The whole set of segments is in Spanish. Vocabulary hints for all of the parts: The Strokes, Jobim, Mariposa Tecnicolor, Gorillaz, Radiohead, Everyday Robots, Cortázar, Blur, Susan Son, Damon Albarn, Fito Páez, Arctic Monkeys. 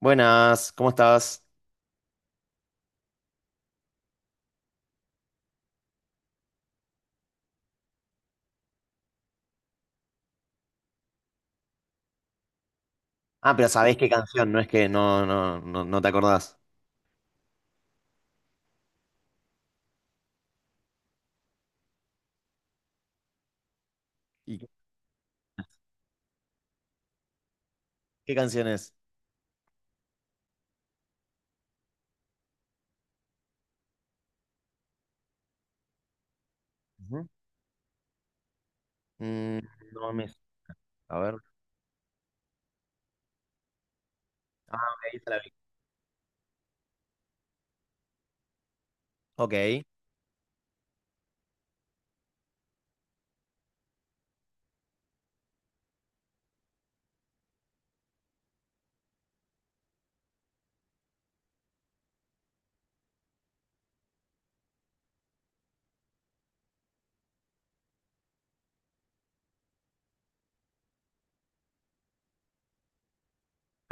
Buenas, ¿cómo estás? Ah, pero sabés qué canción, no es que no te acordás. ¿Y qué, qué canción es? Ujú. Mm, no me... A ver. Ah, ok, ahí te la vi. Ok, ahí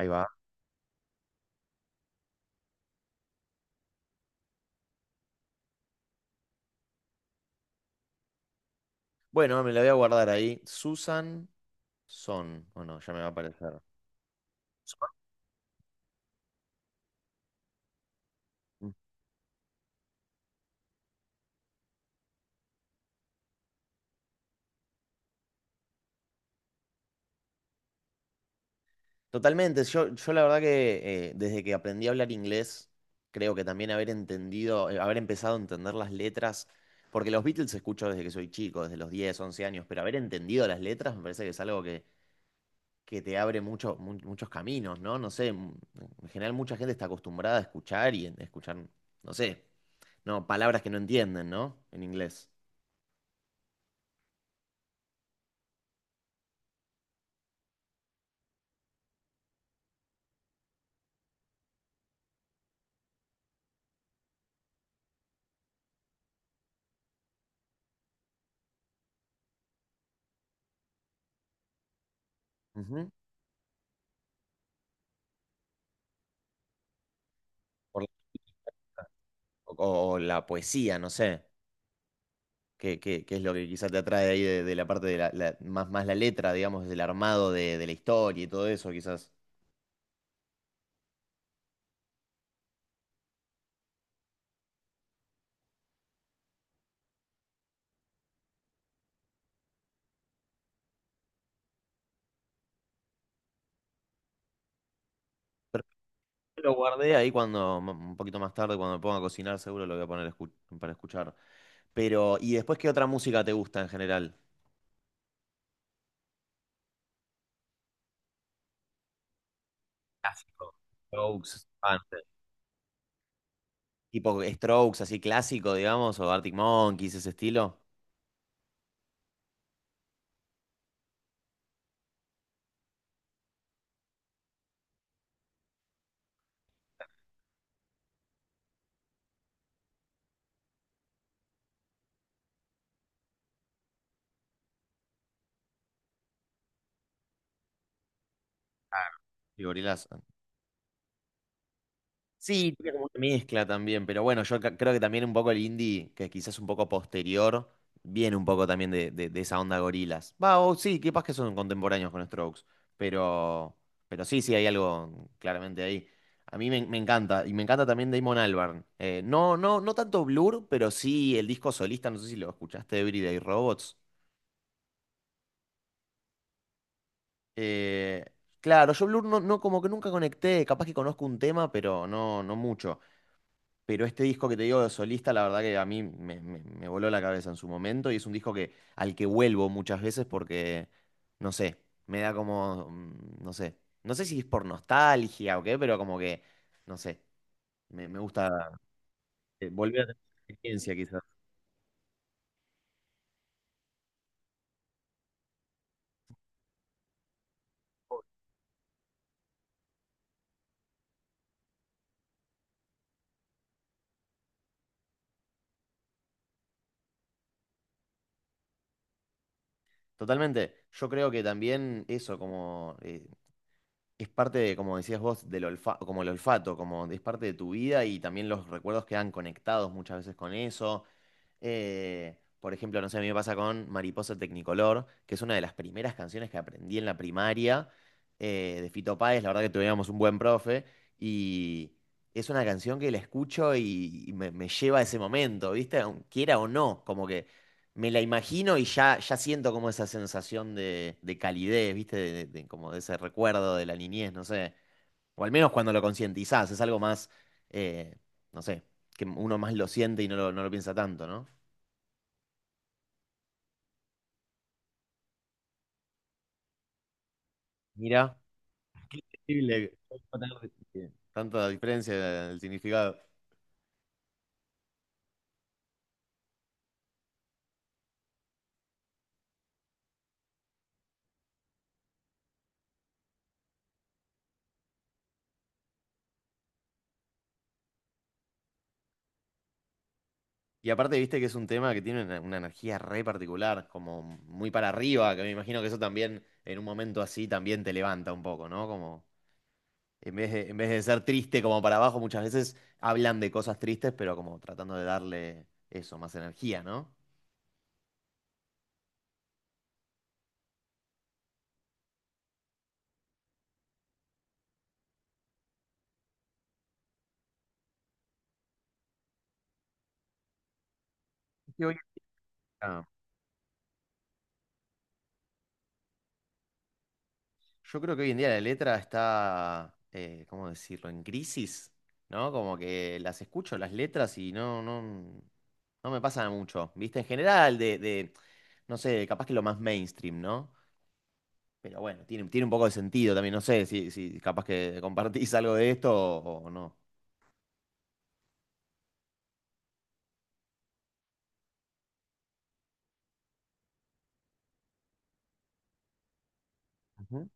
va. Bueno, me la voy a guardar ahí. Susan Son. Bueno, ya me va a aparecer. Son. Mm. Totalmente. Yo la verdad que desde que aprendí a hablar inglés, creo que también haber entendido, haber empezado a entender las letras, porque los Beatles escucho desde que soy chico, desde los 10 u 11 años, pero haber entendido las letras me parece que es algo que te abre muchos caminos, ¿no? No sé, en general mucha gente está acostumbrada a escuchar y escuchar, no sé, no, palabras que no entienden, ¿no? En inglés. Ujú. Por la- o la poesía, no sé, qué es lo que quizás te atrae ahí de la parte de más, más la letra, digamos, del armado de la historia y todo eso, quizás. Pero yo lo guardé ahí cuando, un poquito más tarde, cuando me ponga a cocinar, seguro lo voy a poner para escuchar. Pero, ¿y después qué otra música te gusta en general? Clásico. Strokes, Panther. Tipo Strokes, así clásico, digamos, o Arctic Monkeys, ese estilo. Claro. Y Gorillaz. Sí, tiene como una mezcla también, pero bueno, creo que también un poco el indie, que quizás un poco posterior, viene un poco también de esa onda Gorillaz. Va, o sí, capaz que son contemporáneos con Strokes, pero, pero sí, sí, hay algo claramente ahí. A me encanta, y me encanta también Damon Albarn. No, no, no tanto Blur, pero sí el disco solista, no sé si lo escuchaste, Everyday Robots. Eh, claro, yo Blur como que nunca conecté, capaz que conozco un tema, pero no, no mucho. Pero este disco que te digo de solista, la verdad que a me voló la cabeza en su momento y es un disco que, al que vuelvo muchas veces porque, no sé, me da como, mm, no sé, no sé si es por nostalgia o qué, pero como que, no sé, me gusta volver a tener esa experiencia quizás. Totalmente, yo creo que también eso, como es parte de, como decías vos, como el olfato, como es parte de tu vida y también los recuerdos quedan conectados muchas veces con eso. Por ejemplo, no sé, a mí me pasa con Mariposa Tecnicolor, que es una de las primeras canciones que aprendí en la primaria de Fito Páez. La verdad que tuvimos un buen profe y es una canción que la escucho y me lleva a ese momento, ¿viste? Quiera o no, como que me la imagino y ya siento como esa sensación de calidez, ¿viste? De, como de ese recuerdo de la niñez, no sé. O al menos cuando lo concientizás, es algo más, eh, no sé, que uno más lo siente y no lo, no lo piensa tanto, ¿no? Mira, increíble, tanta diferencia del significado. Y aparte, viste que es un tema que tiene una energía re particular, como muy para arriba, que me imagino que eso también, en un momento así, también te levanta un poco, ¿no? Como en vez de ser triste como para abajo, muchas veces hablan de cosas tristes, pero como tratando de darle eso, más energía, ¿no? que hoy, yo creo que hoy en día la letra está, ¿cómo decirlo?, en crisis, ¿no? Como que las escucho, las letras, y no, no, no me pasa mucho, ¿viste? En general, de, no sé, capaz que lo más mainstream, ¿no? Pero bueno, tiene, tiene un poco de sentido también, no sé si, si capaz que compartís algo de esto o no. Ujú.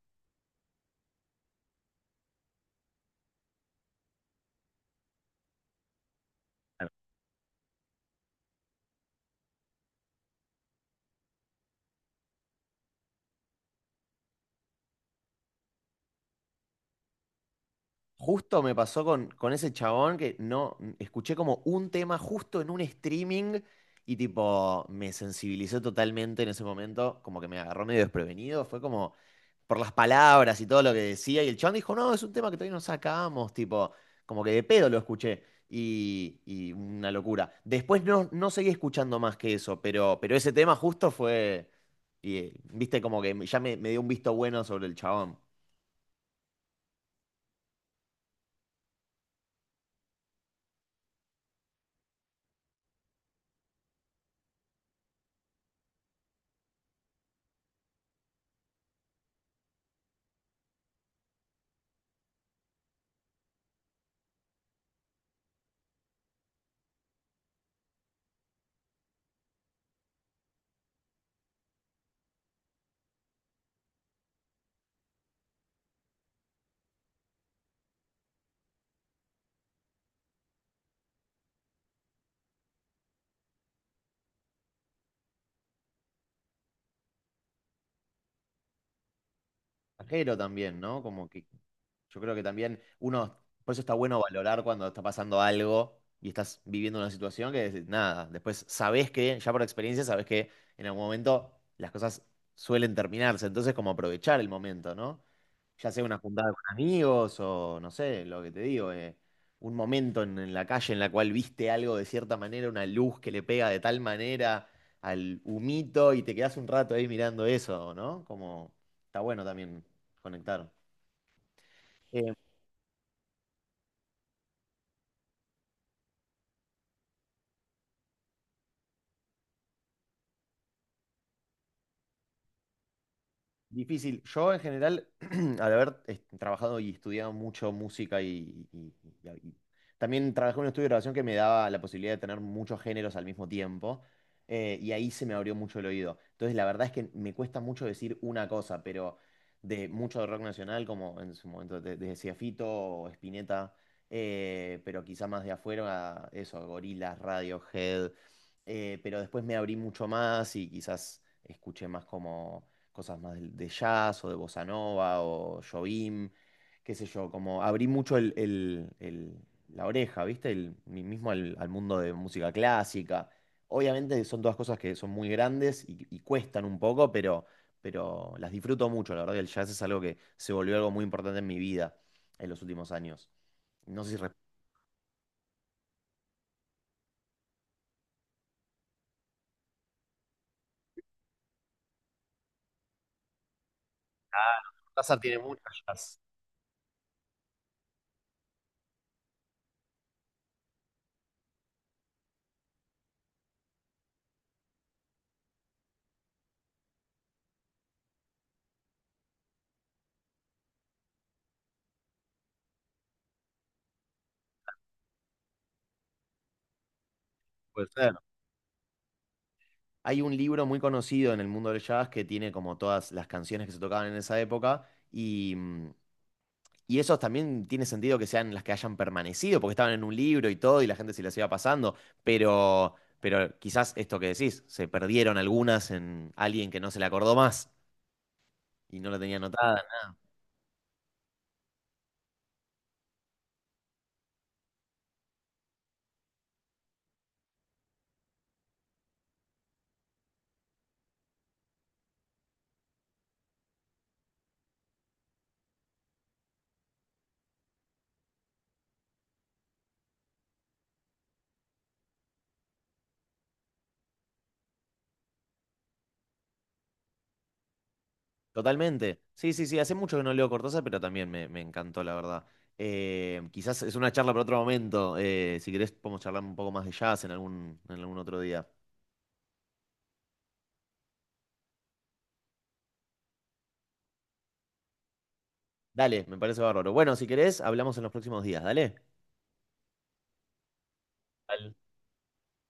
Justo me pasó con ese chabón que no escuché como un tema justo en un streaming y tipo me sensibilizó totalmente en ese momento, como que me agarró medio desprevenido, fue como por las palabras y todo lo que decía y el chabón dijo, no, es un tema que todavía no sacamos, tipo, como que de pedo lo escuché y una locura. Después no, no seguí escuchando más que eso, pero ese tema justo fue, viste, como que ya me dio un visto bueno sobre el chabón. Ajero también, ¿no? Como que yo creo que también uno, por eso está bueno valorar cuando está pasando algo y estás viviendo una situación que nada, después sabés que, ya por experiencia, sabés que en algún momento las cosas suelen terminarse, entonces como aprovechar el momento, ¿no? Ya sea una juntada con amigos o no sé, lo que te digo, un momento en la calle en la cual viste algo de cierta manera, una luz que le pega de tal manera al humito y te quedás un rato ahí mirando eso, ¿no? Como está bueno también. Conectaron. Eh, Difícil. Yo en general, al haber trabajado y estudiado mucho música y también trabajé en un estudio de grabación que me daba la posibilidad de tener muchos géneros al mismo tiempo, y ahí se me abrió mucho el oído. Entonces la verdad es que me cuesta mucho decir una cosa, pero de mucho de rock nacional, como en su momento desde decía Fito o Spinetta, pero quizá más de afuera, eso, Gorillaz, Radiohead, pero después me abrí mucho más y quizás escuché más como cosas más de, jazz o de bossa nova o Jobim, qué sé yo, como abrí mucho la oreja, ¿viste? El, mismo al, al mundo de música clásica. Obviamente son todas cosas que son muy grandes y cuestan un poco, pero las disfruto mucho. La verdad que el jazz es algo que se volvió algo muy importante en mi vida en los últimos años. No sé si... Cortázar tiene mucho jazz. Puede ser. Hay un libro muy conocido en el mundo del jazz que tiene como todas las canciones que se tocaban en esa época y, mm, y esos también tiene sentido que sean las que hayan permanecido porque estaban en un libro y todo y la gente se las iba pasando, pero, pero quizás esto que decís, se perdieron algunas en alguien que no se le acordó más y no la tenía anotada. Totalmente. Sí, sí, sí, hace mucho que no leo Cortázar, pero también me encantó, la verdad. Quizás es una charla para otro momento. Si querés podemos charlar un poco más de jazz en algún otro día. Dale, me parece bárbaro. Bueno, si querés, hablamos en los próximos días, dale. Dale.